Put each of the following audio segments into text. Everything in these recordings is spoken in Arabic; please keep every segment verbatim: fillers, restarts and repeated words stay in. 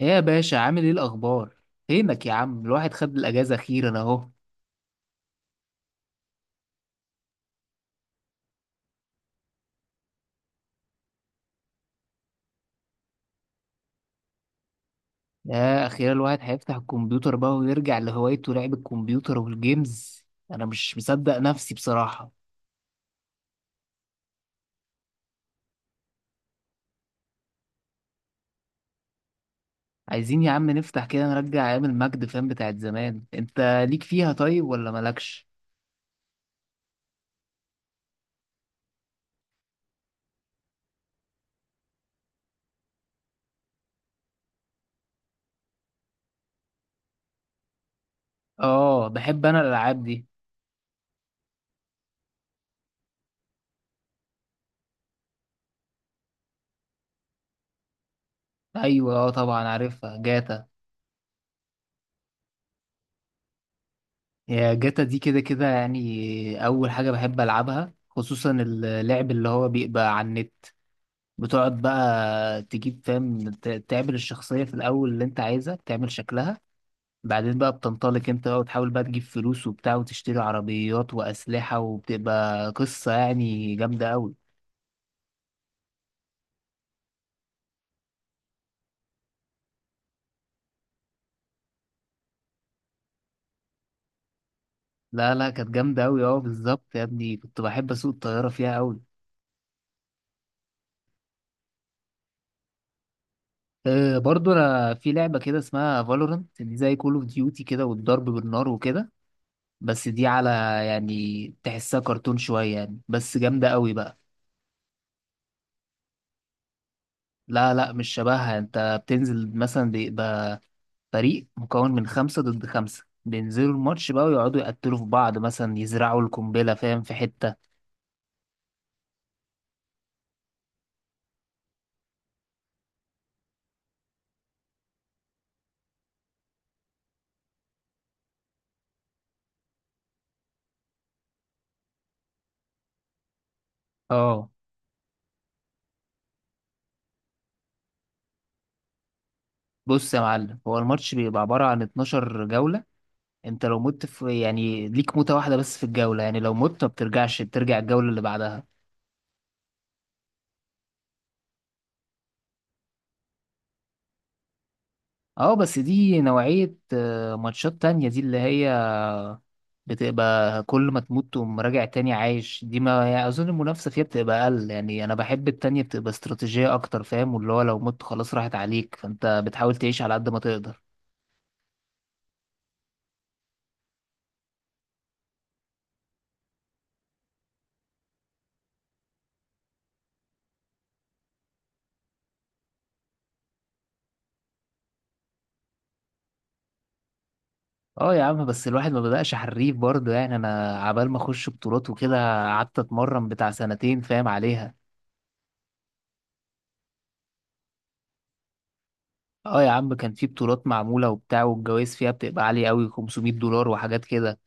ايه يا باشا، عامل ايه؟ الاخبار؟ فينك يا عم؟ الواحد خد الاجازه اخيرا اهو. يا اخيرا الواحد هيفتح الكمبيوتر بقى ويرجع لهوايته، لعب الكمبيوتر والجيمز. انا مش مصدق نفسي بصراحه. عايزين يا عم نفتح كده، نرجع ايام المجد، فاهم، بتاعت زمان انت. ليك فيها طيب ولا مالكش؟ اه، بحب انا الالعاب دي. ايوه، اه، طبعا عارفها جاتا. يا جاتا دي كده كده، يعني اول حاجه بحب العبها خصوصا اللعب اللي هو بيبقى على النت. بتقعد بقى تجيب، فاهم، ت- تعمل الشخصية في الأول اللي أنت عايزها، تعمل شكلها. بعدين بقى بتنطلق أنت بقى، وتحاول بقى تجيب فلوس وبتاع، وتشتري عربيات وأسلحة، وبتبقى قصة يعني جامدة أوي. لا لا، كانت جامدة أوي. أه، بالظبط يا ابني، كنت بحب أسوق الطيارة فيها أوي. أه، برضو أنا في لعبة كده اسمها فالورنت، دي زي كول أوف ديوتي كده، والضرب بالنار وكده. بس دي على. يعني تحسها كرتون شوية يعني، بس جامدة أوي بقى. لا لا، مش شبهها. انت بتنزل مثلا فريق مكون من خمسة ضد خمسة، بينزلوا الماتش بقى ويقعدوا يقتلوا في بعض، مثلا يزرعوا القنبلة، فاهم، في حتة. اه. بص يا معلم، هو الماتش بيبقى عبارة عن اتناشر جولة. انت لو مت في، يعني ليك موتة واحدة بس في الجولة، يعني لو مت ما بترجعش، بترجع الجولة اللي بعدها. اه، بس دي نوعية آه، ماتشات تانية، دي اللي هي بتبقى كل ما تموت تقوم راجع تاني عايش. دي ما يعني اظن المنافسه فيها بتبقى اقل. يعني انا بحب التانية، بتبقى استراتيجيه اكتر، فاهم، واللي هو لو مت خلاص راحت عليك، فانت بتحاول تعيش على قد ما تقدر. اه يا عم، بس الواحد ما بدأش حريف برضه يعني. انا عبال ما اخش بطولات وكده، قعدت اتمرن بتاع سنتين، فاهم، عليها. اه يا عم، كان في بطولات معموله وبتاع، والجوائز فيها بتبقى عاليه قوي، خمسمائة دولار وحاجات كده.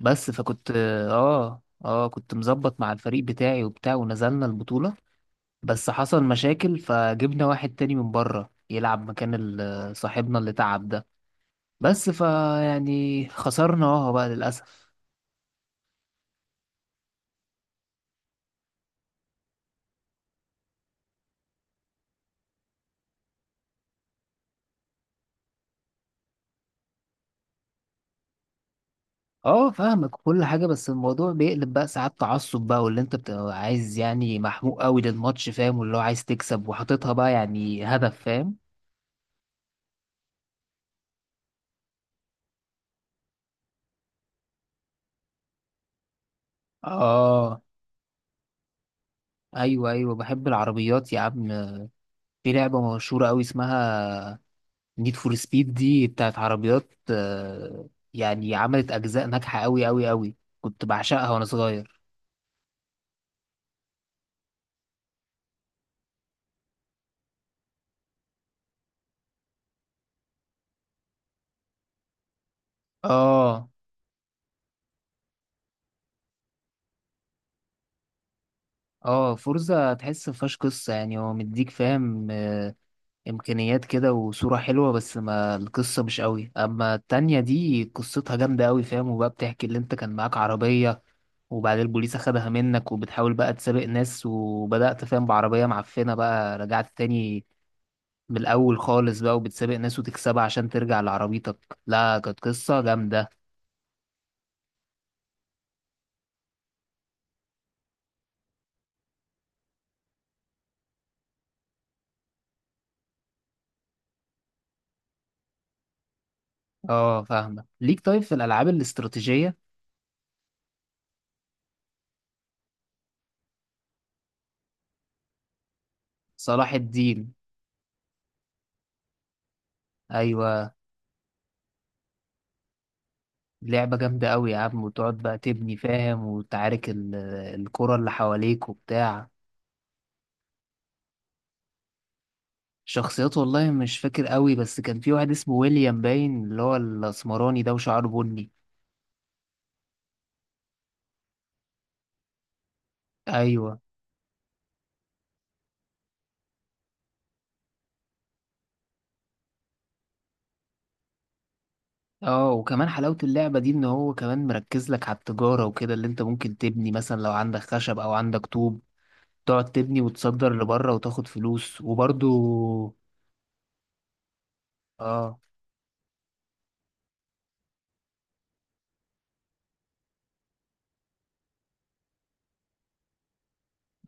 بس فكنت. اه. اه، كنت مظبط مع الفريق بتاعي وبتاع، ونزلنا البطوله. بس حصل مشاكل، فجبنا واحد تاني من بره يلعب مكان ال- صاحبنا اللي تعب ده. بس فيعني خسرنا اهو بقى للأسف. اه فاهمك كل حاجة، بس الموضوع بيقلب بقى ساعات، تعصب بقى، واللي انت بتبقى عايز يعني محموق قوي للماتش، فاهم، واللي هو عايز تكسب وحاططها بقى يعني هدف، فاهم. اه. ايوه ايوه، بحب العربيات يا عم. في لعبة مشهورة قوي اسمها نيد فور سبيد، دي بتاعت عربيات، آه، يعني عملت اجزاء ناجحه قوي قوي قوي. كنت بعشقها وانا صغير. اه. اه، فورزا تحس مفيهاش قصه يعني، هو مديك، فاهم، آه، امكانيات كده وصوره حلوه، بس ما القصه مش قوي. اما التانية دي قصتها جامده قوي، فاهم، وبقى بتحكي اللي انت كان معاك عربيه، وبعدين البوليس اخدها منك، وبتحاول بقى تسابق ناس. وبدأت، فاهم، بعربية معفنة بقى، رجعت تاني من الأول خالص بقى، وبتسابق ناس وتكسبها عشان ترجع لعربيتك. لا، كانت قصة جامدة. اه فاهمة ليك. طيب، في الألعاب الاستراتيجية؟ صلاح الدين. أيوة. لعبة جامدة أوي يا عم، وتقعد بقى تبني، فاهم، وتعارك ال- الكرة اللي حواليك وبتاع. شخصيات، والله مش فاكر أوي، بس كان في واحد اسمه ويليام باين، اللي هو الأسمراني ده وشعره بني. أيوة. اه، وكمان حلاوة اللعبة دي ان هو كمان مركز لك على التجارة وكده، اللي انت ممكن تبني مثلا لو عندك خشب او عندك طوب، تقعد تبني وتصدر لبره وتاخد فلوس وبرضو. اه.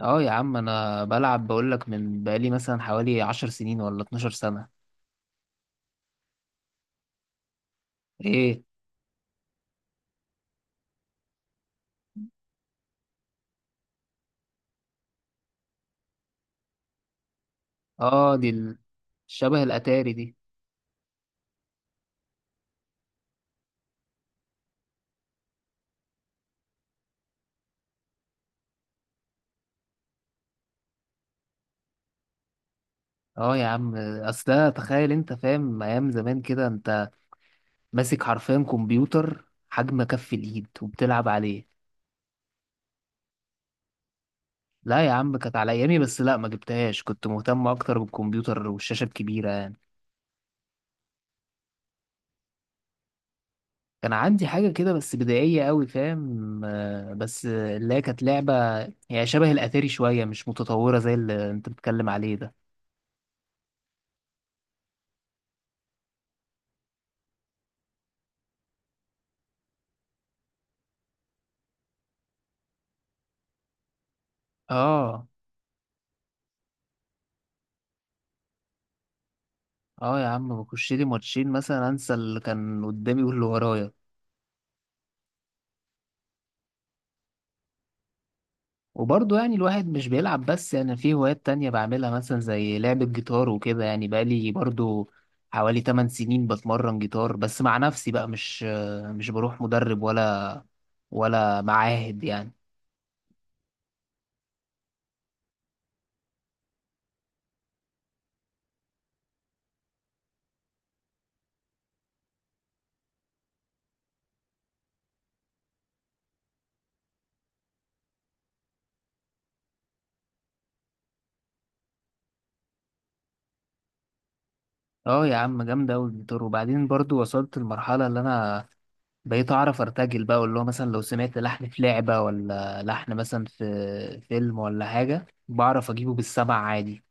اه يا عم، انا بلعب، بقولك، من بقالي مثلا حوالي عشر سنين ولا اتناشر سنة. ايه. اه، دي ال- شبه الاتاري دي. اه يا عم، اصل ده تخيل انت، فاهم، ايام زمان كده انت ماسك حرفيا كمبيوتر حجم كف الايد وبتلعب عليه. لا يا عم، كانت على ايامي بس، لا، ما جبتهاش، كنت مهتم اكتر بالكمبيوتر والشاشة الكبيرة. كان عندي حاجة كده بس بدائية قوي، فاهم، آه، بس آه، اللي هي كانت لعبة. هي شبه الأتاري شوية، مش متطورة زي اللي أنت بتتكلم عليه ده. اه. اه يا عم، بخش لي ماتشين مثلا، انسى اللي كان قدامي واللي ورايا. وبرضه يعني الواحد مش بيلعب بس، يعني في هوايات تانية بعملها، مثلا زي لعبة جيتار وكده. يعني بقالي برضه حوالي ثماني سنين بتمرن جيتار بس مع نفسي بقى، مش آه، مش بروح مدرب ولا ولا معاهد يعني. اه يا عم، جامدة أوي الجيتار. وبعدين برضو وصلت لمرحلة اللي أنا بقيت أعرف أرتجل بقى، واللي هو مثلا لو سمعت لحن في لعبة ولا لحن مثلا في فيلم ولا حاجة، بعرف أجيبه بالسمع عادي.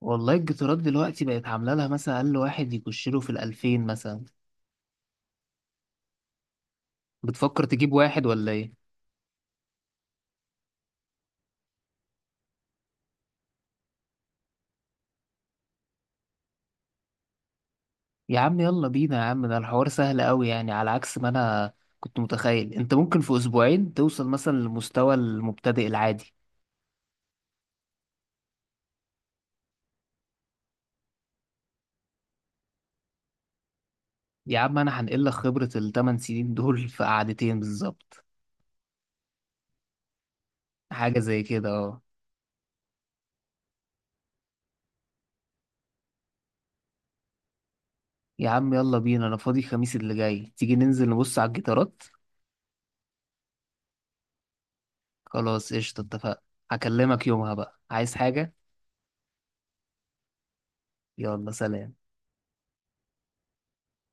والله الجيتارات دلوقتي بقت عاملة لها، مثلا أقل واحد يخش له في الألفين مثلا. بتفكر تجيب واحد ولا إيه؟ يا عم يلا بينا يا عم، ده الحوار سهل أوي يعني، على عكس ما أنا كنت متخيل. أنت ممكن في أسبوعين توصل مثلا لمستوى المبتدئ العادي. يا عم، انا هنقل لك خبرة الثمان سنين دول في قعدتين بالظبط. حاجة زي كده، اه. يا عم يلا بينا، انا فاضي الخميس اللي جاي، تيجي ننزل نبص على الجيتارات؟ خلاص، قشطة، اتفقنا. هكلمك يومها بقى، عايز حاجة. يلا، سلام.